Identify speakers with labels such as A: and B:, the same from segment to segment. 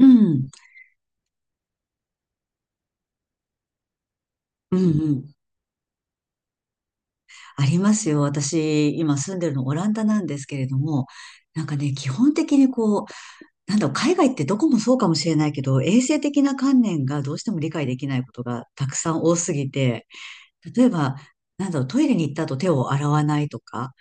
A: うん、うん、うん。ありますよ。私、今住んでるのオランダなんですけれども、なんかね、基本的にこう、なんだろう、海外ってどこもそうかもしれないけど、衛生的な観念がどうしても理解できないことがたくさん多すぎて、例えば、なんだろう、トイレに行った後手を洗わないとか、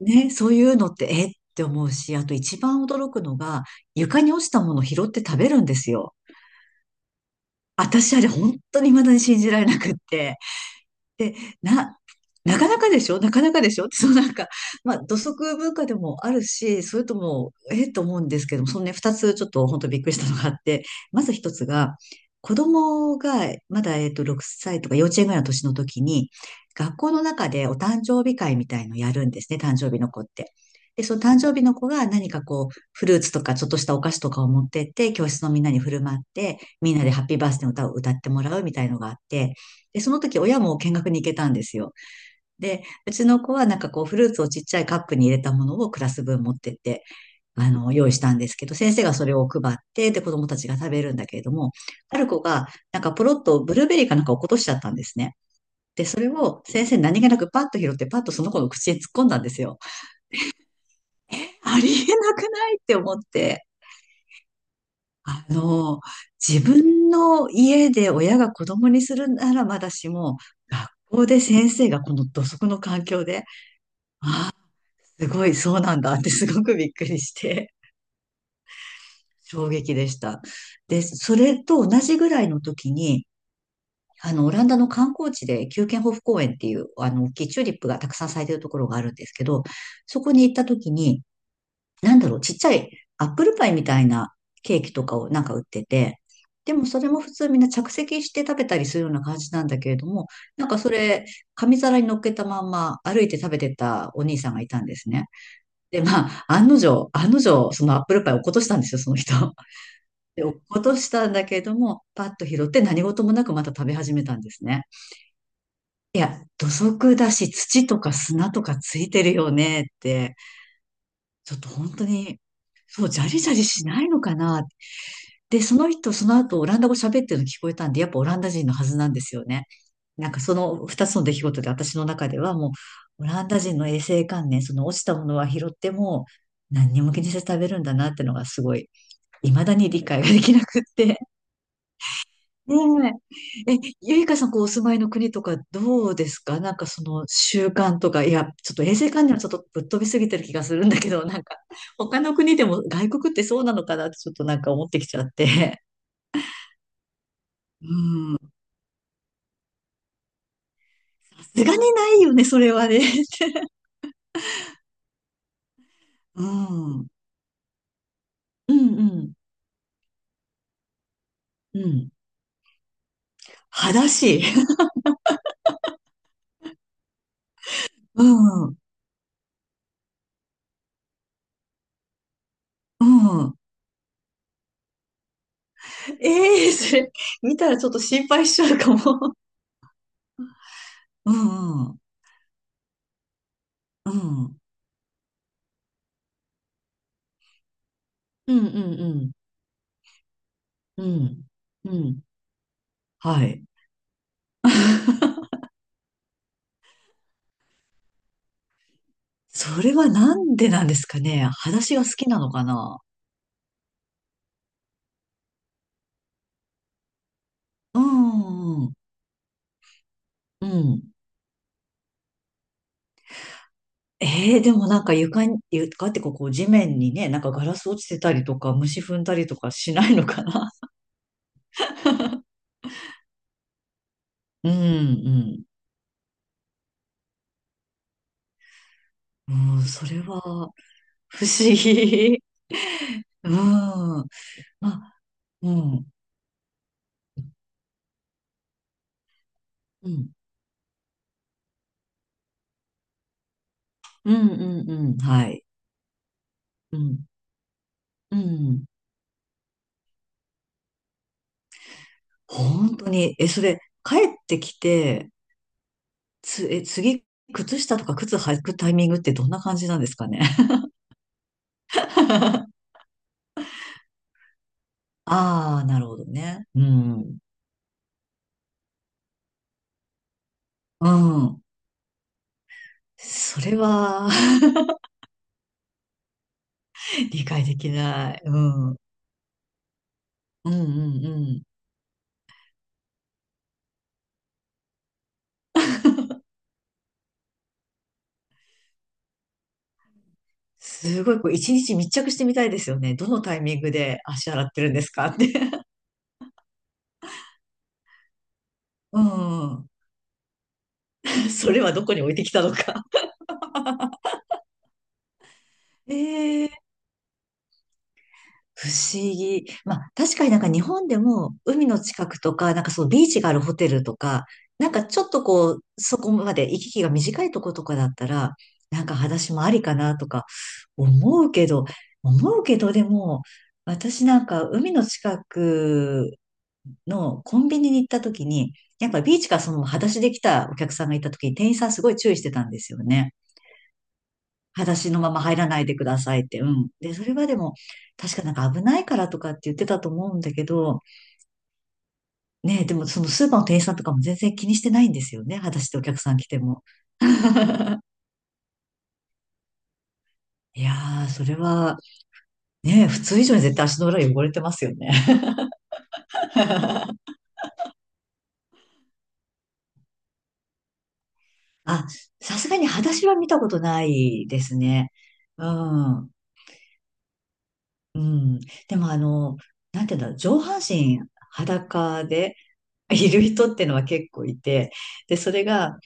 A: ね、そういうのって、えって思うし、あと一番驚くのが、床に落ちたものを拾って食べるんですよ。私、あれ本当に未だに信じられなくって。で、な、なかなかでしょなかなかでしょって、そうなんか、まあ、土足文化でもあるし、それとも、ええと思うんですけども、そのね、二つちょっと本当びっくりしたのがあって、まず一つが、子供がまだ、6歳とか幼稚園ぐらいの年の時に、学校の中でお誕生日会みたいのをやるんですね、誕生日の子って。で、その誕生日の子が何かこう、フルーツとかちょっとしたお菓子とかを持ってって、教室のみんなに振る舞って、みんなでハッピーバースデーの歌を歌ってもらうみたいのがあって、で、その時親も見学に行けたんですよ。で、うちの子はなんかこうフルーツをちっちゃいカップに入れたものをクラス分持ってって、用意したんですけど、先生がそれを配って、で、子供たちが食べるんだけれども、ある子がなんかポロッとブルーベリーかなんか落っことしちゃったんですね。で、それを先生何気なくパッと拾って、パッとその子の口へ突っ込んだんですよ。ありえなくないって思って、あの、自分の家で親が子供にするならまだしも、学校で先生がこの土足の環境ですごい、そうなんだって すごくびっくりして、衝撃でした。で、それと同じぐらいの時に、オランダの観光地で、キューケンホフ公園っていう、あの、大きいチューリップがたくさん咲いてるところがあるんですけど、そこに行った時に、なんだろう、ちっちゃいアップルパイみたいなケーキとかをなんか売ってて、でもそれも普通みんな着席して食べたりするような感じなんだけれども、なんかそれ、紙皿に乗っけたまんま歩いて食べてたお兄さんがいたんですね。で、まあ、案の定、案の定、そのアップルパイ落っことしたんですよ、その人。で、落っことしたんだけども、パッと拾って何事もなくまた食べ始めたんですね。いや、土足だし、土とか砂とかついてるよねって、ちょっと本当に、そう、ジャリジャリしないのかな。で、その人、その後、オランダ語喋ってるの聞こえたんで、やっぱオランダ人のはずなんですよね。なんかその二つの出来事で私の中ではもう、オランダ人の衛生観念、その落ちたものは拾っても、何にも気にせず食べるんだなってのがすごい未だに理解ができなくって。ねえ。え、ゆいかさん、こう、お住まいの国とかどうですかなんかその習慣とか、いや、ちょっと衛生観念はちょっとぶっ飛びすぎてる気がするんだけど、なんか、他の国でも外国ってそうなのかなってちょっとなんか思ってきちゃって。うん。さすがにないよね、それはね。うん。うんうんうん。裸足。うん。うん。ええそれ、見たらちょっと心配しちゃうかも。うんうん。うん。うんうんうん。うん。うん。はい。それはなんでなんですかね。裸足が好きなのかな。うんうんうん。うん。えー、でもなんか床に、床ってこう、こう地面にね、なんかガラス落ちてたりとか、虫踏んだりとかしないのかな。うんうん。うん、それは不思議。うん。まあ、うん。うん。うんうんうん。はい。うん。うん。本当に、え、それ、帰ってきて、次、靴下とか靴履くタイミングってどんな感じなんですかね。ああ、なるほどね。うん。うん。それは 理解できない。うん。うんうんうん。すごい、こう、一日密着してみたいですよね。どのタイミングで足洗ってるんですかって。うん。それはどこに置いてきたのか。ええ不思議。まあ、確かになんか日本でも海の近くとか、なんかそのビーチがあるホテルとか、なんかちょっとこう、そこまで行き来が短いとことかだったら、なんか裸足もありかなとか思うけど、思うけどでも、私なんか海の近くのコンビニに行った時に、やっぱビーチからそのまま裸足で来たお客さんがいた時に店員さんすごい注意してたんですよね。裸足のまま入らないでくださいって。うん。で、それはでも、確かなんか危ないからとかって言ってたと思うんだけど、ねえ、でもそのスーパーの店員さんとかも全然気にしてないんですよね。裸足でお客さん来ても。いやー、それは、ねえ、普通以上に絶対足の裏汚れてますよね。あ、さすがに裸足は見たことないですね。うん。うん。でもあの、なんていうんだろう、上半身裸でいる人ってのは結構いて、で、それが、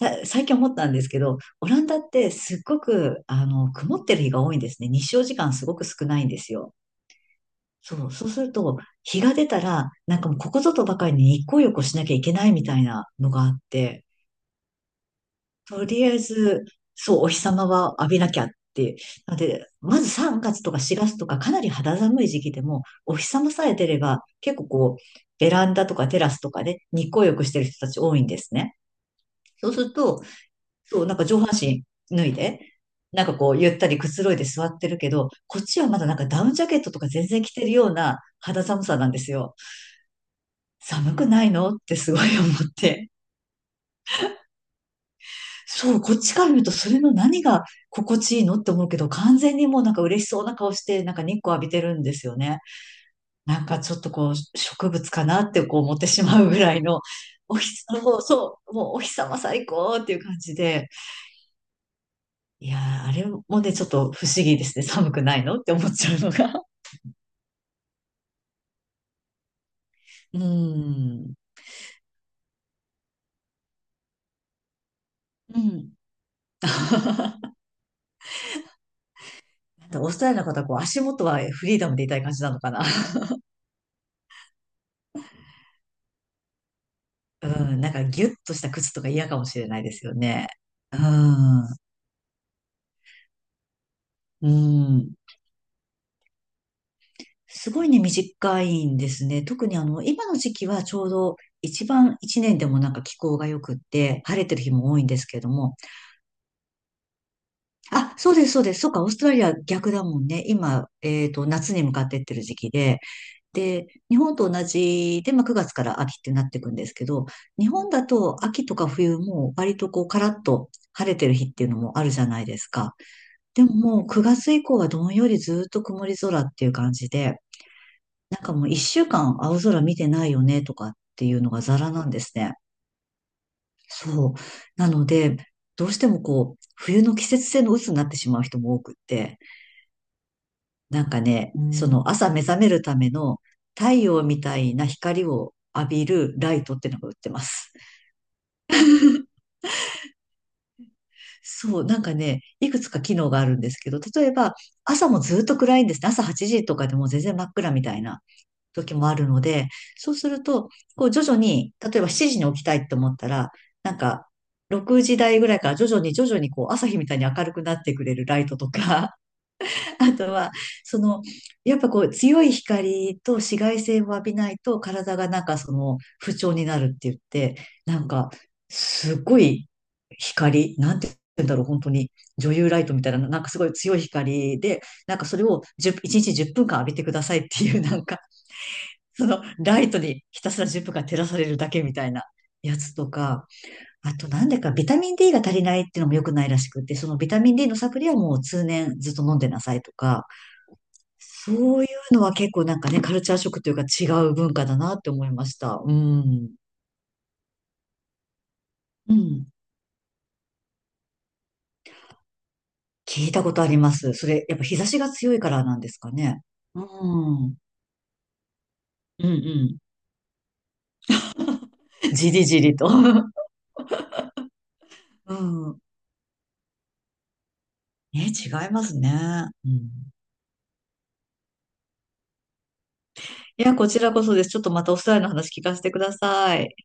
A: 最近思ったんですけど、オランダってすっごく、あの、曇ってる日が多いんですね。日照時間すごく少ないんですよ。そう、そうすると、日が出たら、なんかもうここぞとばかりに日光浴をしなきゃいけないみたいなのがあって、とりあえず、そう、お日様は浴びなきゃって。なので、まず3月とか4月とかかなり肌寒い時期でも、お日様さえ出れば、結構こう、ベランダとかテラスとかで日光浴してる人たち多いんですね。そうすると、そう、なんか上半身脱いで、なんかこう、ゆったりくつろいで座ってるけど、こっちはまだなんかダウンジャケットとか全然着てるような肌寒さなんですよ。寒くないのってすごい思って。そう、こっちから見るとそれの何が心地いいのって思うけど、完全にもうなんか嬉しそうな顔して、なんか日光浴びてるんですよね。なんかちょっとこう、植物かなってこう思ってしまうぐらいの、お日様、もうそう、もうお日様最高っていう感じで、いやー、あれもね、ちょっと不思議ですね。寒くないのって思っちゃうのが。うん。うん。なんかオーストラリアの方はこう足元はフリーダムでいたい感じなのかな。うん。なんかギュッとした靴とか嫌かもしれないですよね。うん。うん。すごいね、短いんですね。特にあの、今の時期はちょうど一番一年でもなんか気候が良くって、晴れてる日も多いんですけれども。あ、そうです、そうです。そっか、オーストラリア逆だもんね。今、夏に向かってってる時期で。で、日本と同じで、まあ、9月から秋ってなっていくんですけど、日本だと秋とか冬も割とこうカラッと晴れてる日っていうのもあるじゃないですか。でももう9月以降はどんよりずっと曇り空っていう感じで、なんかもう1週間青空見てないよねとかっていうのがザラなんですね。そう。なので、どうしてもこう、冬の季節性の鬱になってしまう人も多くって、なんかね、うそん。の朝目覚めるための太陽みたいな光を浴びるライトってのが売ってます。そう、なんかね、いくつか機能があるんですけど、例えば朝もずっと暗いんですね。朝8時とかでも全然真っ暗みたいな時もあるので、そうすると、こう徐々に、例えば7時に起きたいと思ったら、なんか6時台ぐらいから徐々に徐々にこう朝日みたいに明るくなってくれるライトとか、あとは、その、やっぱこう、強い光と紫外線を浴びないと、体がなんかその、不調になるって言って、なんか、すごい光、なんて言うんだろう、本当に、女優ライトみたいな、なんかすごい強い光で、なんかそれを10分間浴びてくださいっていう、なんか、その、ライトにひたすら10分間照らされるだけみたいな。やつとか、あとなんでかビタミン D が足りないっていうのも良くないらしくて、そのビタミン D のサプリはもう通年ずっと飲んでなさいとか、そういうのは結構なんかね、カルチャーショックというか違う文化だなって思いました。うん。うん。聞いたことあります。それ、やっぱ日差しが強いからなんですかね。うん。うんうん。じりじりと。うん。ね、違いますね。うん。いや、こちらこそです。ちょっとまたお二人の話聞かせてください。